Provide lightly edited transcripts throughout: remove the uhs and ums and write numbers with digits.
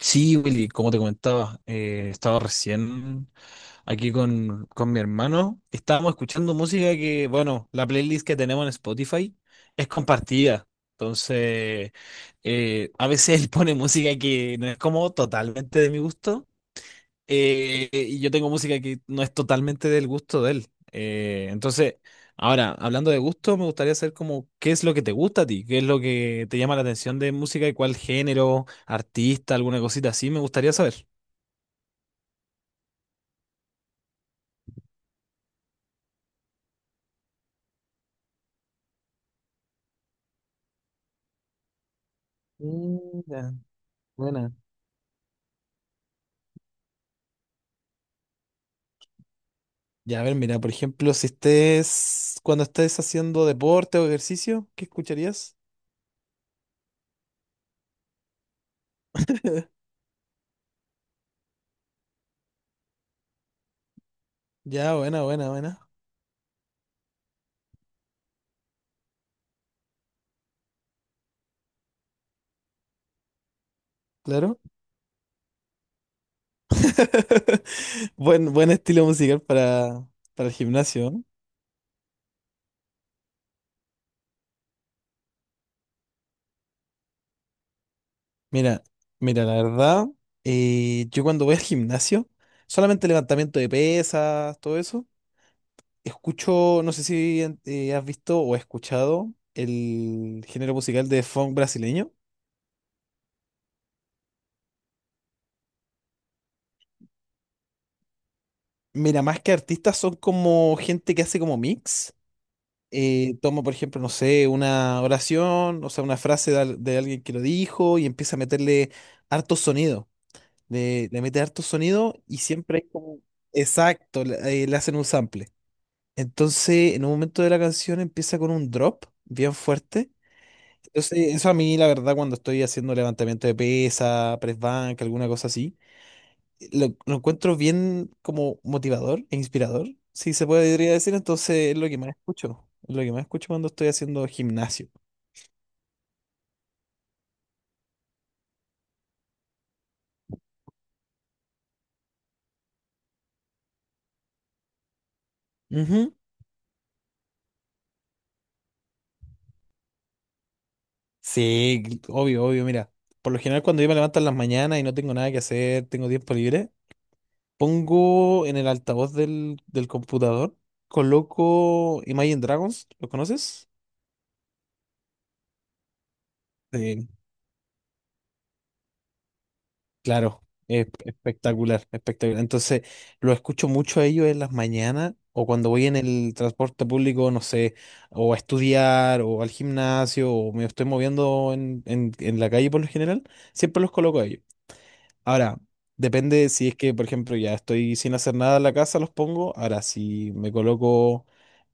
Sí, Willy, como te comentaba, estaba recién aquí con mi hermano. Estábamos escuchando música que, bueno, la playlist que tenemos en Spotify es compartida. Entonces, a veces él pone música que no es como totalmente de mi gusto. Y yo tengo música que no es totalmente del gusto de él. Entonces, ahora, hablando de gusto, me gustaría saber como qué es lo que te gusta a ti, qué es lo que te llama la atención de música y cuál género, artista, alguna cosita así, me gustaría saber. Mira, buena. Ya, a ver, mira, por ejemplo, si estés, cuando estés haciendo deporte o ejercicio, ¿qué escucharías? Ya, buena, buena, buena. Claro. Buen, buen estilo musical para el gimnasio, ¿eh? Mira, mira, la verdad, yo cuando voy al gimnasio, solamente levantamiento de pesas, todo eso, escucho, no sé si has visto o escuchado el género musical de funk brasileño. Mira, más que artistas son como gente que hace como mix. Toma, por ejemplo, no sé, una oración, o sea, una frase de, al- de alguien que lo dijo y empieza a meterle harto sonido. Le mete harto sonido y siempre hay como... Exacto, le le hacen un sample. Entonces, en un momento de la canción empieza con un drop bien fuerte. Entonces, eso a mí, la verdad, cuando estoy haciendo levantamiento de pesa, press bank, alguna cosa así, lo encuentro bien como motivador e inspirador, si se podría decir. Entonces, es lo que más escucho. Es lo que más escucho cuando estoy haciendo gimnasio. Ujú. Sí, obvio, obvio, mira. Por lo general, cuando yo me levanto en las mañanas y no tengo nada que hacer, tengo tiempo libre, pongo en el altavoz del computador, coloco Imagine Dragons, ¿lo conoces? Sí, claro, es espectacular, espectacular. Entonces, lo escucho mucho a ellos en las mañanas o cuando voy en el transporte público, no sé, o a estudiar o al gimnasio o me estoy moviendo en la calle por lo general, siempre los coloco a ellos. Ahora, depende si es que, por ejemplo, ya estoy sin hacer nada en la casa, los pongo. Ahora, si me coloco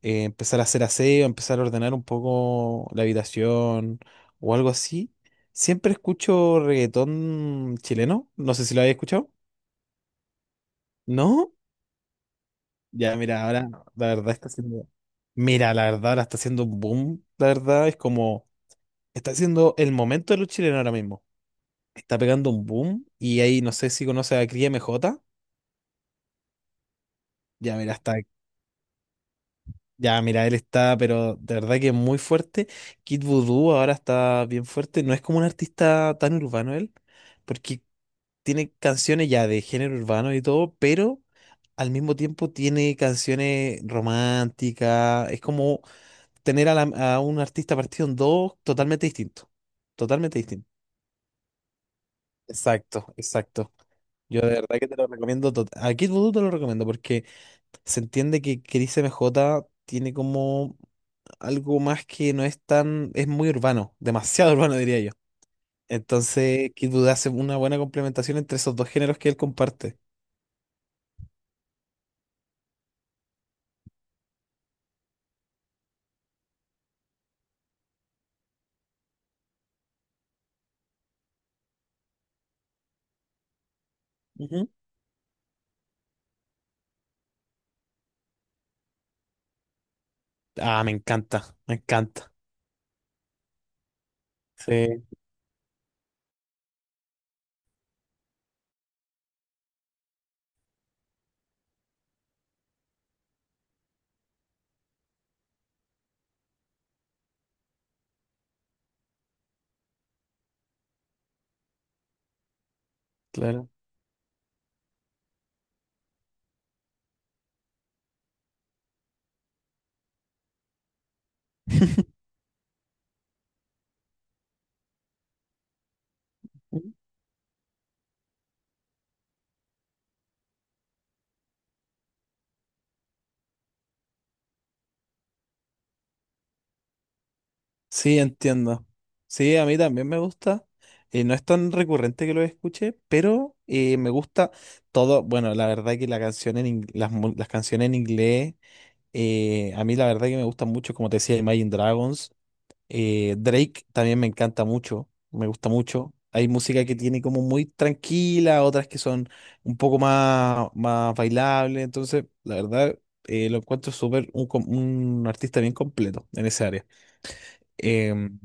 empezar a hacer aseo, empezar a ordenar un poco la habitación o algo así, siempre escucho reggaetón chileno. No sé si lo habéis escuchado. ¿No? Ya, mira, ahora la verdad está haciendo. Mira, la verdad ahora está haciendo un boom. La verdad es como. Está haciendo el momento de los chilenos ahora mismo. Está pegando un boom y ahí no sé si conoce a Cría M J. Ya, mira, está. Ya, mira, él está, pero de verdad que es muy fuerte. Kid Voodoo ahora está bien fuerte. No es como un artista tan urbano él, porque tiene canciones ya de género urbano y todo, pero al mismo tiempo tiene canciones románticas. Es como tener a, la- a un artista partido en dos totalmente distinto. Totalmente distinto. Exacto, exacto. Yo de verdad que te lo recomiendo. Tot- A Kid Voodoo te lo recomiendo porque se entiende que Chris M J tiene como algo más que no es tan, es muy urbano, demasiado urbano diría yo. Entonces, Kid Voodoo hace una buena complementación entre esos dos géneros que él comparte. Ujú. Ah, me encanta, me encanta. Sí, claro. Sí, entiendo. Sí, a mí también me gusta. No es tan recurrente que lo escuche, pero me gusta todo. Bueno, la verdad que la canción en ing- las, mu- las canciones en inglés, a mí la verdad que me gustan mucho, como te decía, Imagine Dragons. Drake también me encanta mucho, me gusta mucho. Hay música que tiene como muy tranquila, otras que son un poco más, más bailables. Entonces, la verdad, lo encuentro súper un, com- un artista bien completo en esa área. Em,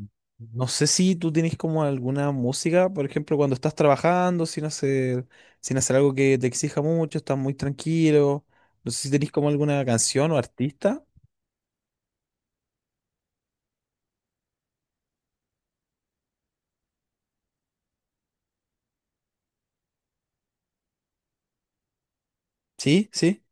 no sé si tú tienes como alguna música, por ejemplo, cuando estás trabajando sin hacer, sin hacer algo que te exija mucho, estás muy tranquilo. No sé si tenés como alguna canción o artista. Sí, sí.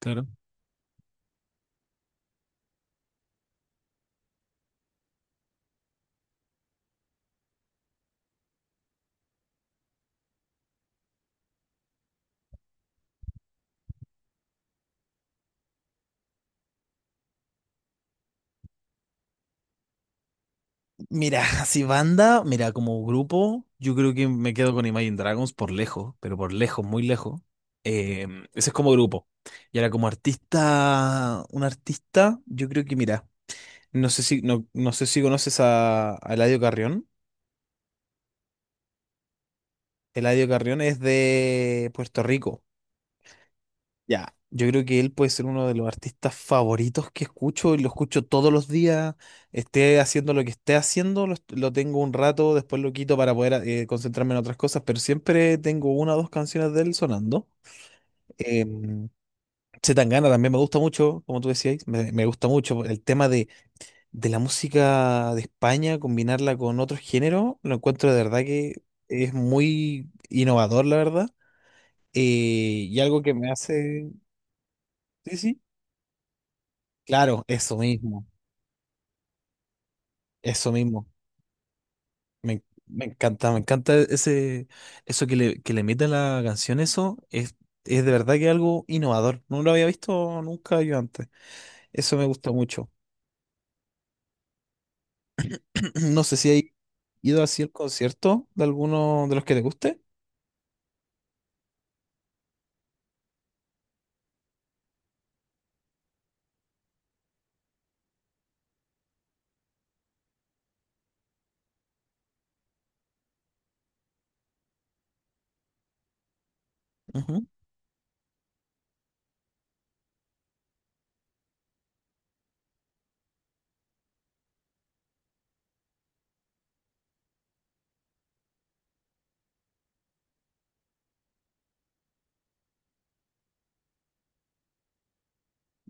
Claro. Mira, así banda, mira, como grupo, yo creo que me quedo con Imagine Dragons por lejos, pero por lejos, muy lejos. Ese es como grupo. Y ahora como artista, un artista, yo creo que mira, no sé si, no, no sé si conoces a Eladio Carrión. Eladio Carrión es de Puerto Rico. Ya. Yo creo que él puede ser uno de los artistas favoritos que escucho y lo escucho todos los días. Esté haciendo lo que esté haciendo, lo, est- lo tengo un rato, después lo quito para poder concentrarme en otras cosas, pero siempre tengo una o dos canciones de él sonando. Em, C. Tangana también me gusta mucho, como tú decías, me gusta mucho. El tema de la música de España, combinarla con otros géneros, lo encuentro de verdad que es muy innovador, la verdad. Y algo que me hace... Sí, sí. Claro, eso mismo, eso mismo. Me encanta, me encanta ese, eso que le mete a la canción, eso es de verdad que algo innovador. No lo había visto nunca yo antes. Eso me gusta mucho. No sé si hay ido así el concierto de alguno de los que te guste. Ujú.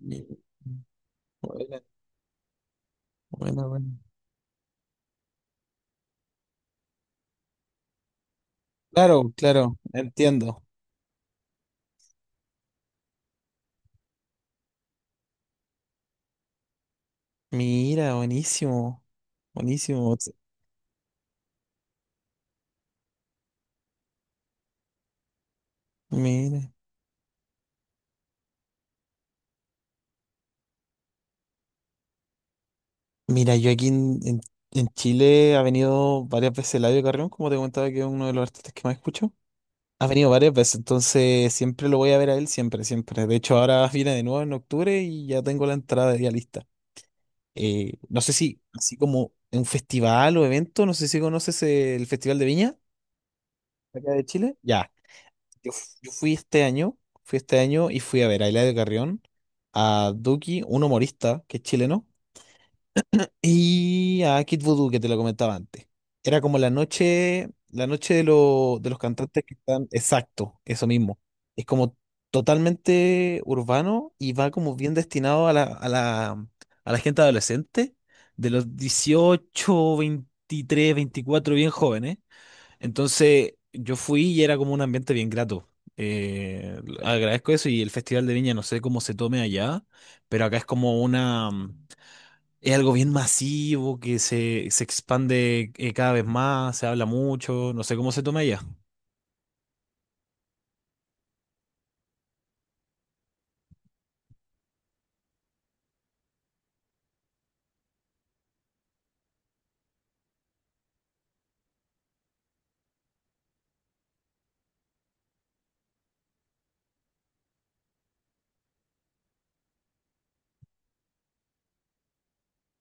Y- Buena, buena, buena. Claro, claro, entiendo. Mira, buenísimo, buenísimo. Mira, mira, yo aquí en Chile ha venido varias veces Eladio Carrión, como te comentaba que es uno de los artistas que más escucho. Ha venido varias veces, entonces siempre lo voy a ver a él, siempre, siempre. De hecho, ahora viene de nuevo en octubre y ya tengo la entrada ya lista. No sé si, así como en un festival o evento, no sé si conoces el Festival de Viña, acá de Chile. Ya, yo, f- yo fui este año y fui a ver a Eladio Carrión, a Duki, un humorista que es chileno. Y a Kid Voodoo, que te lo comentaba antes. Era como la noche de, lo- de los cantantes que están. Exacto, eso mismo. Es como totalmente urbano y va como bien destinado a la gente adolescente, de los 18, 23, 24 bien jóvenes. Entonces yo fui y era como un ambiente bien grato. Agradezco eso y el Festival de Viña no sé cómo se tome allá, pero acá es como una. Es algo bien masivo se expande cada vez más, se habla mucho, no sé cómo se toma ella.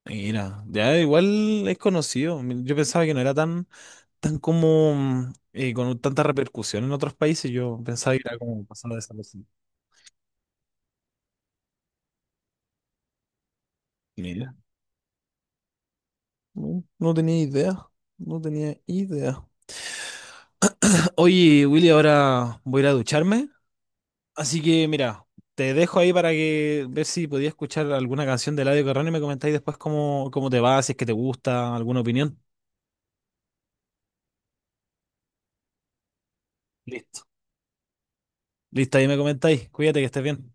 Mira, ya igual es conocido. Yo pensaba que no era tan, tan como con tanta repercusión en otros países. Yo pensaba que era como pasado de esa. Mira, no, no tenía idea, no tenía idea. Oye, Willy, ahora voy a ir a ducharme. Así que mira, te dejo ahí para que ver si podías escuchar alguna canción de Eladio Carrón y me comentáis después cómo, cómo te va, si es que te gusta, alguna opinión. Listo. Listo, ahí me comentáis. Cuídate que estés bien.